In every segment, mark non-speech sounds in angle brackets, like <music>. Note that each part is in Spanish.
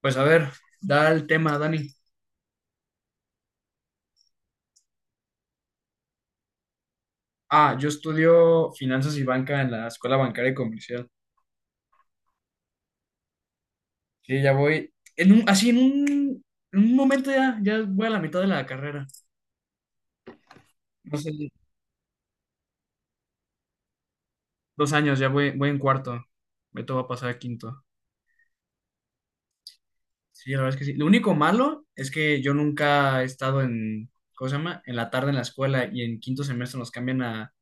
Pues a ver, da el tema, Dani. Ah, yo estudio finanzas y banca en la Escuela Bancaria y Comercial. Sí, ya voy. En un, así en un momento ya voy a la mitad de la carrera. No sé, dos años, ya voy en cuarto. Me va a pasar a quinto. Sí, la verdad es que sí. Lo único malo es que yo nunca he estado en, ¿cómo se llama? En la tarde en la escuela y en quinto semestre nos cambian a,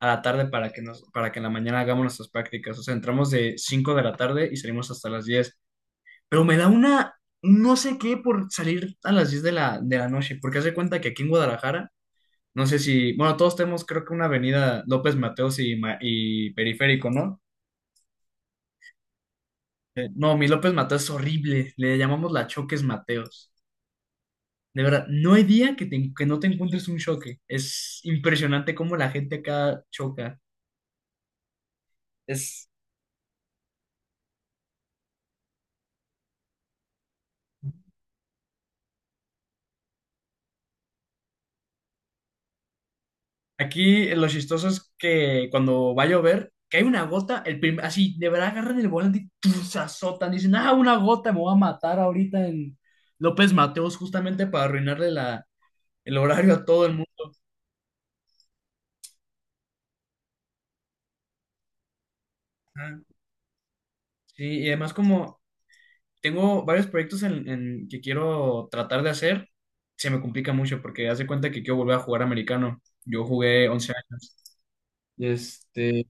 a la tarde para que en la mañana hagamos nuestras prácticas. O sea, entramos de 5 de la tarde y salimos hasta las 10. Pero me da una, no sé qué, por salir a las 10 de la noche, porque hace cuenta que aquí en Guadalajara, no sé si, bueno, todos tenemos creo que una avenida López Mateos y Periférico, ¿no? No, mi López Mateos es horrible, le llamamos la Choques Mateos. De verdad, no hay día que no te encuentres un choque. Es impresionante cómo la gente acá choca. Aquí, lo chistoso es que cuando va a llover, cae una gota, así, de verdad agarran el volante y ¡tum! Se azotan. Dicen, ah, una gota, me voy a matar ahorita en López Mateos, justamente para arruinarle el horario a todo el mundo. Ajá. Sí, y además como tengo varios proyectos en que quiero tratar de hacer, se me complica mucho porque haz de cuenta que quiero volver a jugar americano. Yo jugué 11 años. Este,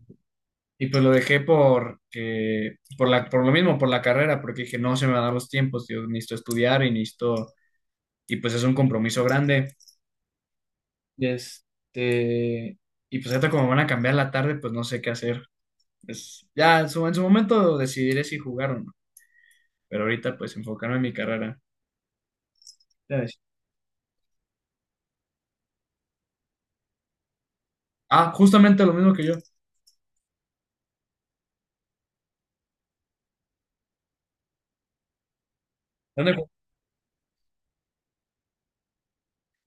Y pues lo dejé por lo mismo, por la carrera, porque dije, no se me van a dar los tiempos, yo necesito estudiar y necesito, y pues es un compromiso grande. Y este, y pues ahorita como van a cambiar la tarde, pues no sé qué hacer. Pues ya en su momento decidiré si jugar o no, pero ahorita pues enfocarme en mi carrera. Ya ves. Ah, justamente lo mismo que yo. ¿Dónde, ju-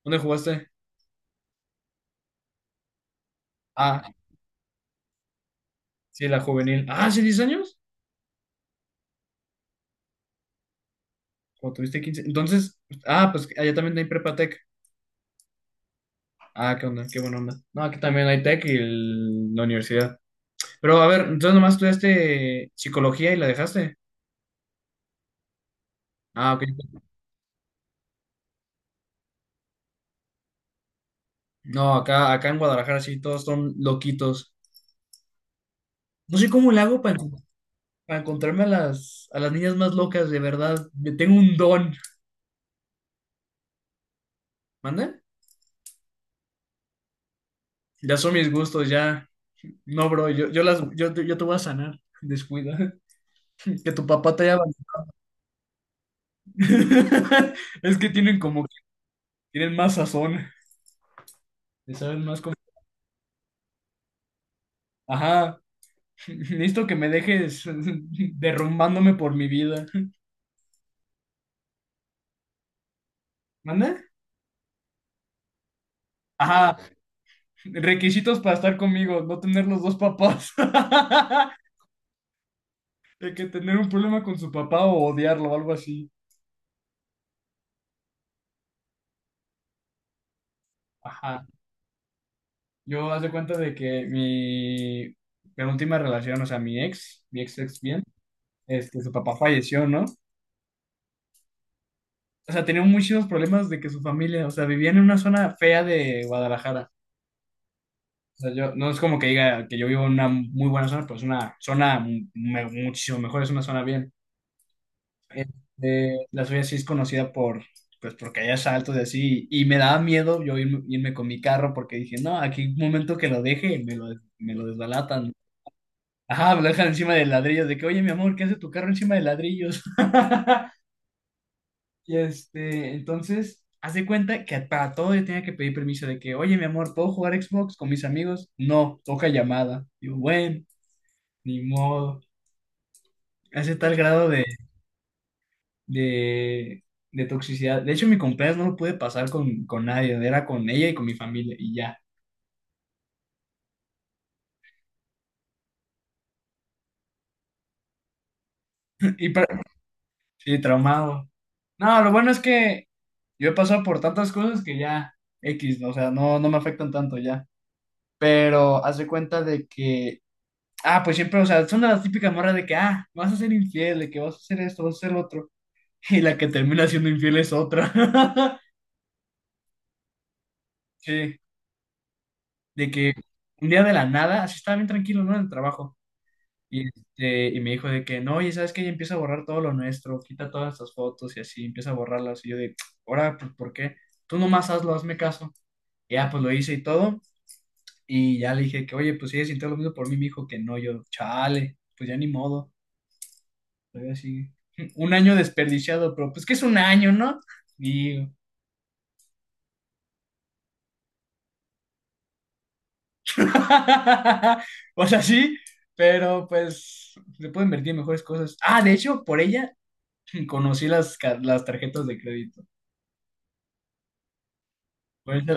dónde jugaste? Ah, sí, la juvenil. Ah, ¿sí, 10 años? ¿O tuviste 15? Entonces, ah, pues allá también hay Prepatec. Ah, qué onda, qué buena onda. No, aquí también hay tech y la universidad. Pero a ver, entonces nomás estudiaste psicología y la dejaste. Ah, ok. No, acá en Guadalajara sí, todos son loquitos. No sé cómo le hago para encontrarme a las niñas más locas, de verdad. Me tengo un don. ¿Manda? Ya son mis gustos, ya. No, bro, yo te voy a sanar. Descuida. <laughs> Que tu papá te haya abandonado. <laughs> Es que tienen como que tienen más sazón. Le saben más como. Ajá. <laughs> Necesito que me dejes <laughs> derrumbándome por mi vida. ¿Manda? Ajá, requisitos para estar conmigo, no tener los dos papás. <laughs> De que tener un problema con su papá o odiarlo o algo así. Ajá. Yo hace cuenta de que mi penúltima relación, o sea, mi ex ex bien, su papá falleció, ¿no? O sea, tenía muchísimos problemas de que su familia, o sea, vivía en una zona fea de Guadalajara. O sea, yo, no es como que diga que yo vivo en una muy buena zona, pero es una zona muchísimo mejor, es una zona bien. La suya sí es conocida por, pues porque hay asaltos y así, y me daba miedo yo irme con mi carro porque dije, no, aquí un momento que lo deje, me lo desbalatan. Ajá, me lo dejan encima de ladrillos, de que, oye, mi amor, ¿qué hace tu carro encima de ladrillos? <laughs> Entonces, haz de cuenta que para todo yo tenía que pedir permiso de que, oye, mi amor, ¿puedo jugar Xbox con mis amigos? No, toca llamada. Digo, bueno. Ni modo. Hace tal grado de, de toxicidad. De hecho, mi cumpleaños no lo pude pasar con nadie. Era con ella y con mi familia y ya. <laughs> Y para- sí, traumado. No, lo bueno es que yo he pasado por tantas cosas que ya X, ¿no? O sea, no, no me afectan tanto ya. Pero haz de cuenta de que, ah, pues siempre, o sea, son las típicas morras de que, ah, vas a ser infiel, de que vas a hacer esto, vas a hacer lo otro. <laughs> Y la que termina siendo infiel es otra. <laughs> Sí. De que un día de la nada, así estaba bien tranquilo, ¿no? En el trabajo. Y me dijo de que, no, y ¿sabes que Ya empieza a borrar todo lo nuestro, quita todas estas fotos y así, empieza a borrarlas. Y yo de, ahora, pues, ¿por qué? Tú nomás hazlo, hazme caso. Y ya, pues, lo hice y todo. Y ya le dije que, oye, pues, si ella sintió lo mismo por mí, me dijo que no. Yo, chale, pues, ya ni modo. Todavía así, <laughs> un año desperdiciado, pero, pues, que es un año, ¿no? Digo. <laughs> O sea, sí, pero, pues, se puede invertir en mejores cosas. Ah, de hecho, por ella y conocí las tarjetas de crédito. Fue esa-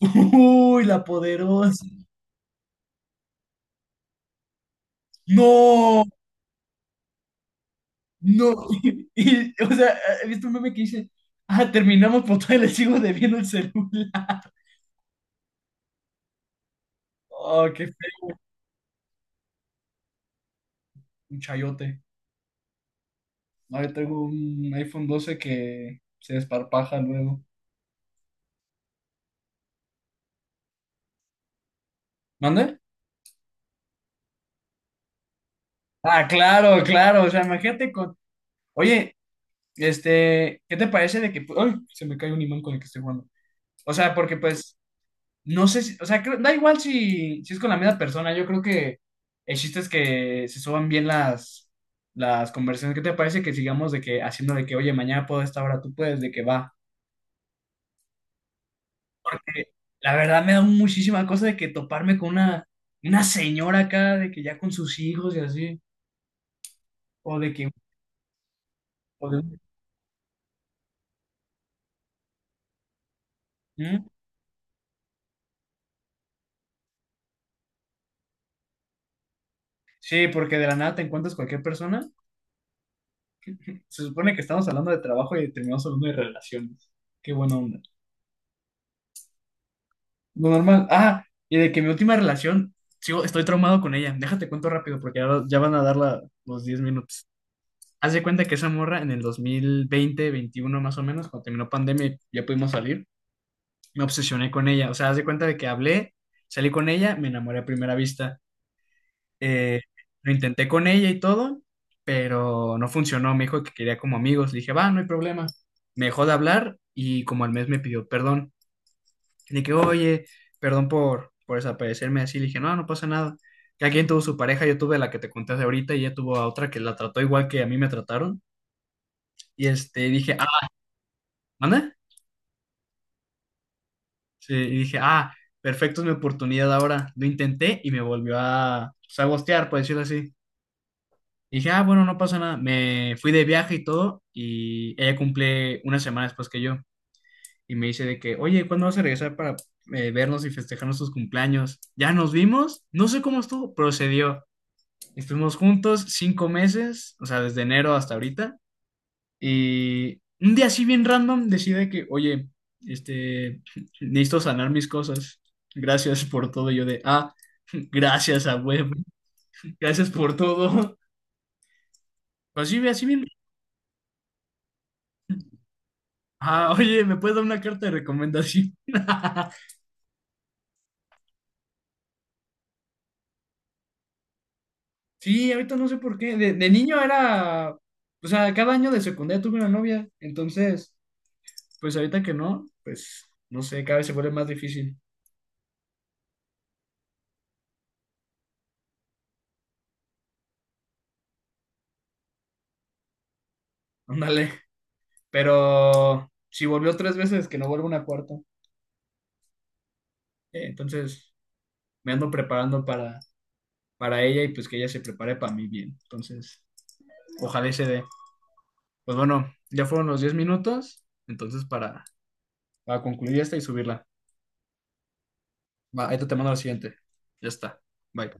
Uy, la poderosa. No, no. <laughs> Y, o sea, he visto un meme que dice, ah, terminamos por todavía le sigo debiendo el celular. Oh, un chayote. No, yo tengo un iPhone 12 que se desparpaja luego. ¿Mande? Ah, claro, claro. O sea, imagínate con. Oye, ¿qué te parece de que... ay, se me cae un imán con el que estoy jugando? O sea, porque pues no sé si, o sea, da igual si es con la misma persona. Yo creo que el chiste es que se suban bien las conversaciones. ¿Qué te parece que sigamos de que haciendo de que, oye, mañana puedo a esta hora, tú puedes, de que va? Porque la verdad me da muchísima cosa de que toparme con una señora acá, de que ya con sus hijos y así, o de que... o de- ¿Mm? Sí, porque de la nada te encuentras cualquier persona. Se supone que estamos hablando de trabajo y terminamos hablando de relaciones. Qué buena onda. Lo normal. Ah, y de que mi última relación, estoy traumado con ella. Déjate cuento rápido porque ya van a dar los 10 minutos. Haz de cuenta que esa morra en el 2020, 2021 más o menos, cuando terminó pandemia y ya pudimos salir, me obsesioné con ella. O sea, haz de cuenta de que hablé, salí con ella, me enamoré a primera vista. Eh, lo intenté con ella y todo, pero no funcionó. Me dijo que quería como amigos. Le dije, va, no hay problema. Me dejó de hablar y como al mes me pidió perdón. De que, oye, perdón por desaparecerme así. Le dije, no, no pasa nada. Cada quien tuvo su pareja, yo tuve la que te conté de ahorita y ella tuvo a otra que la trató igual que a mí me trataron. Dije, ah, ¿manda? Sí, y dije, ah, perfecto, es mi oportunidad ahora. Lo intenté y me volvió a, pues, a ghostear, por decirlo así. Y dije, ah, bueno, no pasa nada. Me fui de viaje y todo y ella cumple una semana después que yo. Y me dice de que, oye, ¿cuándo vas a regresar para vernos y festejarnos tus cumpleaños? Ya nos vimos, no sé cómo estuvo, procedió. Estuvimos juntos 5 meses, o sea, desde enero hasta ahorita. Y un día así bien random decide que, oye, este, necesito sanar mis cosas. Gracias por todo. Y yo de, ah, gracias a web, gracias por todo. Así, así bien. Ah, oye, ¿me puedes dar una carta de recomendación? <laughs> Sí, ahorita no sé por qué. De niño era, o sea, cada año de secundaria tuve una novia. Entonces, pues ahorita que no, pues no sé, cada vez se vuelve más difícil. Ándale. Pero si volvió 3 veces, que no vuelva una cuarta. Entonces me ando preparando para ella y pues que ella se prepare para mí bien. Entonces, ojalá y se dé. Pues bueno, ya fueron los 10 minutos. Entonces, para concluir esta y subirla. Va, ahí te mando la siguiente. Ya está. Bye.